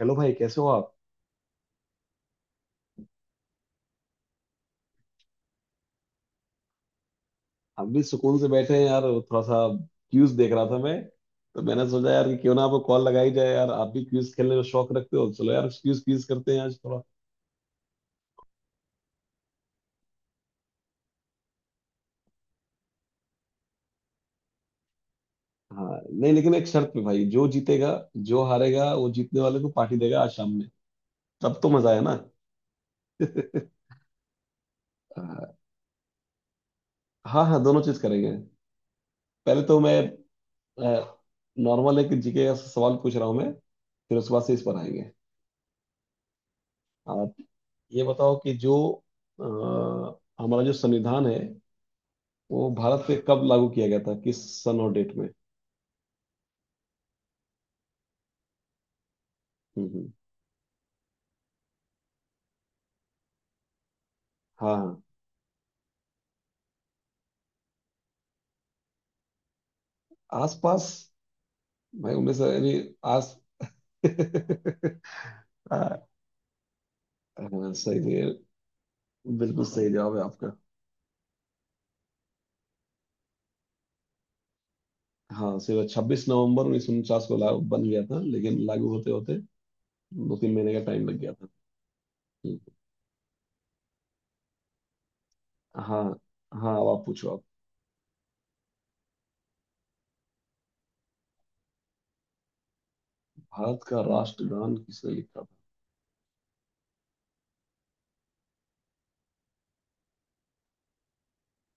Hello भाई कैसे हो आप। हम भी सुकून से बैठे हैं यार थोड़ा सा क्यूज देख रहा था मैं। तो मैंने सोचा यार कि क्यों ना आपको कॉल लगाई जाए यार, आप भी क्यूज खेलने में शौक रखते हो। चलो यार क्यूज क्यूज करते हैं आज थोड़ा। हाँ नहीं, लेकिन एक शर्त पे भाई, जो जीतेगा जो हारेगा वो जीतने वाले को पार्टी देगा आज शाम में। तब तो मजा है ना। हाँ हाँ। हाँ, दोनों चीज करेंगे। पहले तो मैं नॉर्मल एक जीके का सवाल पूछ रहा हूँ मैं। फिर उसके बाद से इस पर आएंगे। आप ये बताओ कि जो हमारा जो संविधान है वो भारत पे कब लागू किया गया था, किस सन और डेट में। हम्म हम्म, हाँ हाँ आसपास। भाई 1900 यानी आस। हाँ। हाँ, सही है। बिल्कुल सही जवाब है आपका। हाँ सिर्फ 26 नवंबर 1949 को लागू बन गया था, लेकिन लागू होते होते 2-3 महीने का टाइम लग गया था। हम्म, हाँ हाँ अब आप पूछो आप। भारत का राष्ट्रगान किसने लिखा था।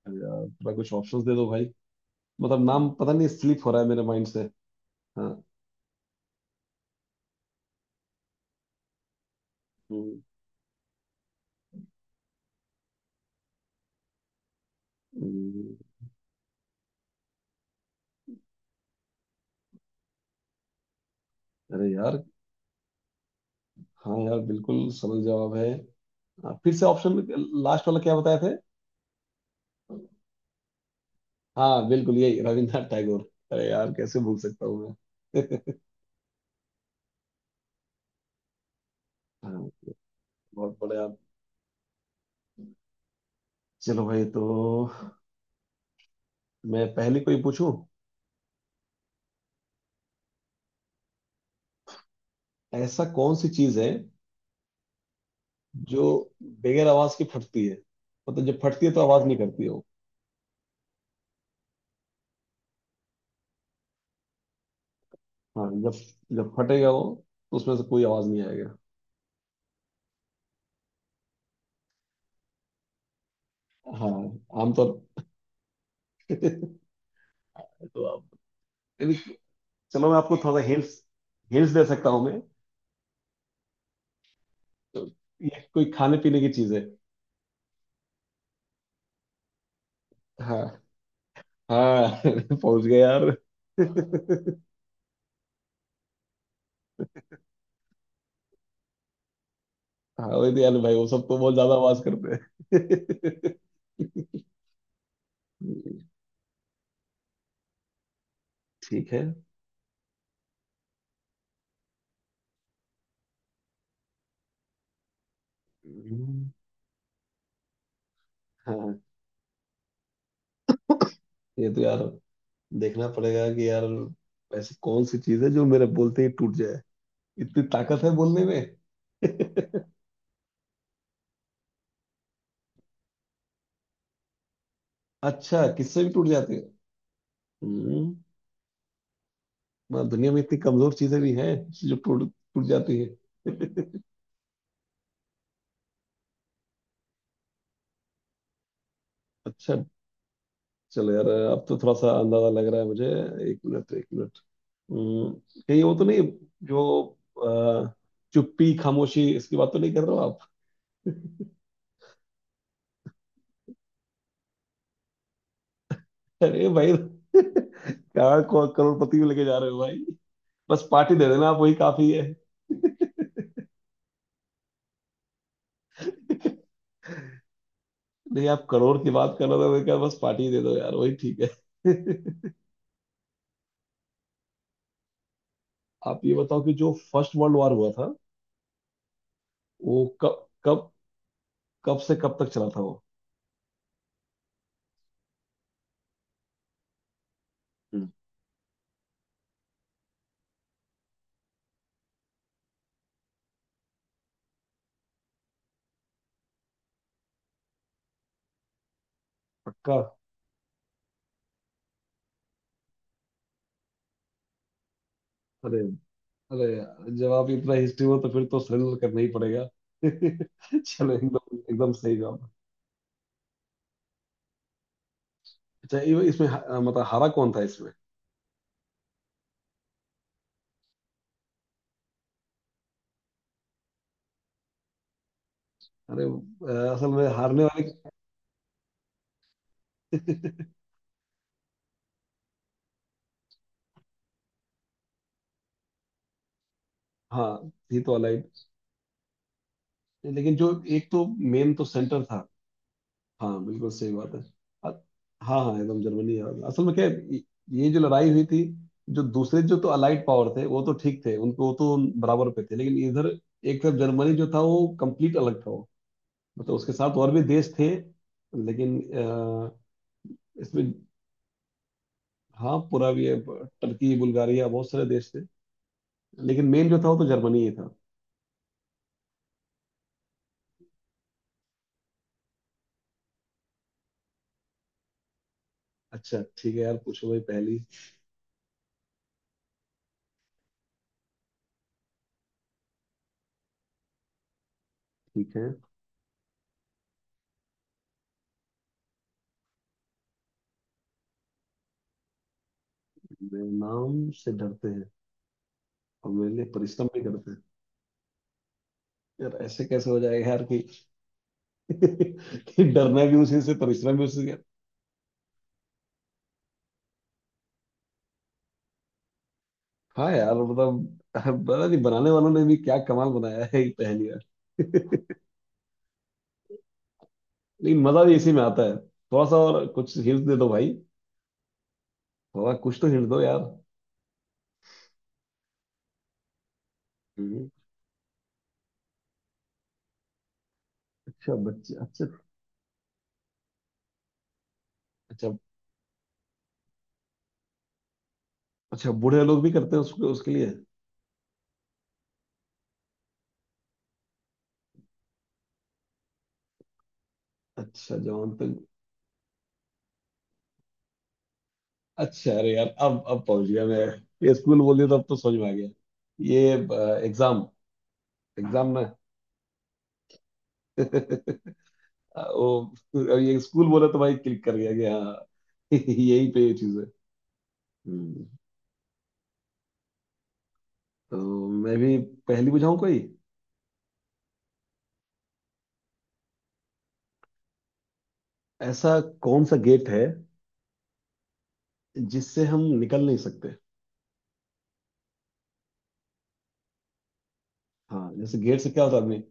अरे यार थोड़ा कुछ ऑप्शंस दे दो भाई, मतलब नाम पता नहीं, स्लिप हो रहा है मेरे माइंड से। हाँ। हम्म। हम्म। अरे यार, हाँ यार बिल्कुल सरल जवाब है। हाँ, फिर से ऑप्शन, लास्ट वाला क्या बताए थे। हाँ बिल्कुल यही, रविंद्रनाथ टैगोर। अरे यार कैसे भूल सकता हूँ मैं। हाँ, बहुत बड़े आप। चलो भाई तो मैं पहली कोई पूछूं। ऐसा कौन सी चीज है जो बगैर आवाज की फटती है। मतलब जब फटती है तो आवाज नहीं करती है वो। हाँ जब जब फटेगा वो तो उसमें से कोई आवाज नहीं आएगा। हाँ आमतौर। तो आप। चलो मैं आपको थोड़ा सा हिंट्स, हिंट्स दे सकता हूँ मैं। तो ये कोई खाने पीने की चीज है। हाँ। हाँ पहुंच गए यार। हाँ वही तो यार भाई, वो सब तो बहुत ज्यादा आवाज करते हैं। ठीक है। हम्म। हाँ ये तो यार देखना पड़ेगा कि यार ऐसी कौन सी चीज है जो मेरे बोलते ही टूट जाए, इतनी ताकत है बोलने में। अच्छा किससे भी टूट जाती है। हम्म, मतलब दुनिया में इतनी कमजोर चीजें भी हैं जो टूट टूट जाती है। अच्छा, चलो यार अब तो थोड़ा सा अंदाजा लग रहा है मुझे। एक मिनट एक मिनट। हम्म, कहीं वो तो नहीं जो अ, चुप्पी, खामोशी, इसकी बात तो नहीं कर रहे हो आप। अरे भाई क्या को- करोड़पति में लेके जा रहे हो भाई। बस पार्टी दे देना आप, वही काफी है। नहीं आप करोड़ की बात कर रहे थे, मैं क्या बस पार्टी दे दो यार वही ठीक है। आप ये बताओ कि जो फर्स्ट वर्ल्ड वॉर हुआ था वो कब कब कब से कब तक चला था वो। हम्म। पक्का। अरे अरे यार, जब आप इतना हिस्ट्री हो तो फिर तो सरेंडर करना ही पड़ेगा। चलो एकदम एकदम सही जवाब। अच्छा ये- इसमें ह- मतलब हारा कौन था इसमें। अरे असल में हारने वाले। हाँ थी तो अलाइड। लेकिन जो एक तो मेन तो सेंटर था। हाँ बिल्कुल सही बात है। अ- हाँ हाँ एकदम जर्मनी है। असल में क्या है, ये जो लड़ाई हुई थी, जो दूसरे जो तो अलाइड पावर थे वो तो ठीक थे, उनको वो तो बराबर पे थे, लेकिन इधर एक तरफ जर्मनी जो था वो कंप्लीट अलग था। मतलब उसके साथ और भी देश थे, लेकिन इसमें, हाँ पूरा भी है, टर्की, बुल्गारिया, बहुत सारे देश थे। लेकिन मेन जो था वो तो जर्मनी ही था। अच्छा ठीक है यार पूछो भाई पहली। ठीक है। मेरे नाम से डरते हैं और मेरे लिए परिश्रम भी करते हैं। यार ऐसे कैसे हो जाएगा यार कि, कि डरना भी उसी से परिश्रम भी उसी से। हाँ यार मतलब पता नहीं बनाने वालों ने भी क्या कमाल बनाया है ये पहली बार। लेकिन मजा भी इसी में आता है। थोड़ा सा और कुछ हिंट दे दो भाई। थोड़ा कुछ तो हिंट दो यार। हम्म। अच्छा बच्चे, अच्छा। अच्छा। अच्छा बूढ़े लोग भी करते हैं उसको उसके लिए। अच्छा जवान तो। अच्छा अरे यार अब पहुंच गया मैं। ये स्कूल बोलिए तो अब तो समझ में आ गया। ये एग्जाम, एग्जाम में। वो अब ये स्कूल बोला तो भाई क्लिक कर गया कि हाँ यही पे ये चीज है। हम्म, तो मैं भी पहली बुझाऊं कोई। ऐसा कौन सा गेट है जिससे हम निकल नहीं सकते। हाँ जैसे गेट से क्या होता है आदमी।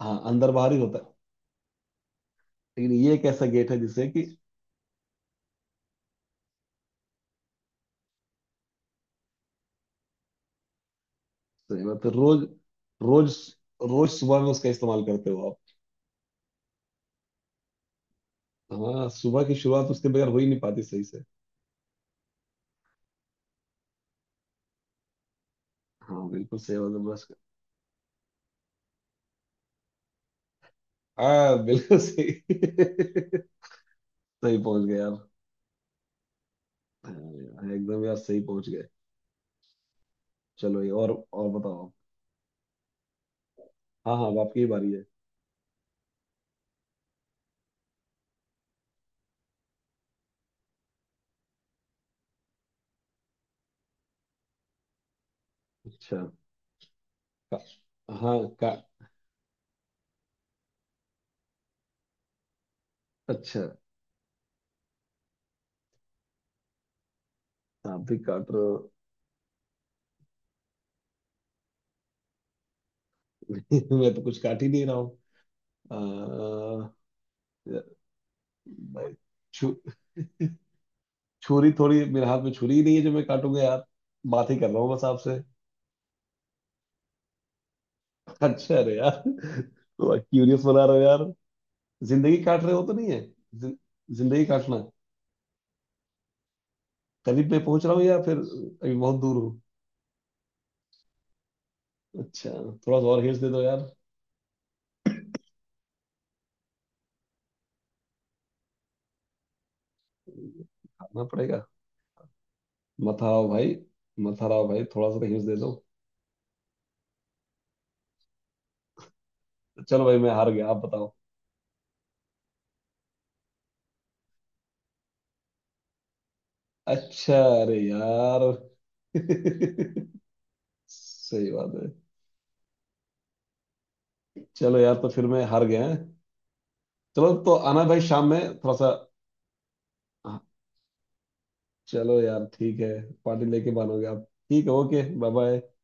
हाँ अंदर बाहर ही होता है, लेकिन ये एक ऐसा गेट है जिससे कि, सही बात है। रोज रोज, रोज सुबह में उसका इस्तेमाल करते हो आप। हाँ सुबह की शुरुआत उसके बगैर हो ही नहीं पाती सही से। हाँ बिल्कुल सही बात है बस। हाँ बिल्कुल सही। सही पहुंच गए यार। हाँ, एकदम यार सही पहुंच गए। चलो ये और बताओ आप। हाँ हाँ अब आपकी ही बारी है। अच्छा, का, हाँ, का। अच्छा, आप भी काट रहे हो। मैं तो कुछ काट ही नहीं रहा हूँ। अ, भाई, छु, छुरी, थोड़ी मेरे हाथ में छुरी ही नहीं है जो मैं काटूंगा यार। बात ही कर रहा हूँ बस आपसे। अच्छा, अरे यार तो क्यूरियस बना रहे हो यार। जिंदगी काट रहे हो तो नहीं है। जिन- जिंदगी काटना। करीब में पहुंच रहा हूँ या फिर अभी बहुत दूर हूँ। अच्छा। थोड़ा सा और हिंस दे दो यार। खाना पड़ेगा। मत हारो भाई, मत हराओ भाई, थोड़ा सा तो हिंस दे दो। चलो भाई मैं हार गया, आप बताओ। अच्छा, अरे यार सही बात है। चलो यार तो फिर मैं हार गया हैं। चलो तो आना भाई शाम में थोड़ा सा। चलो यार ठीक है। पार्टी लेके मानोगे आप, ठीक है, ओके, बाय बाय।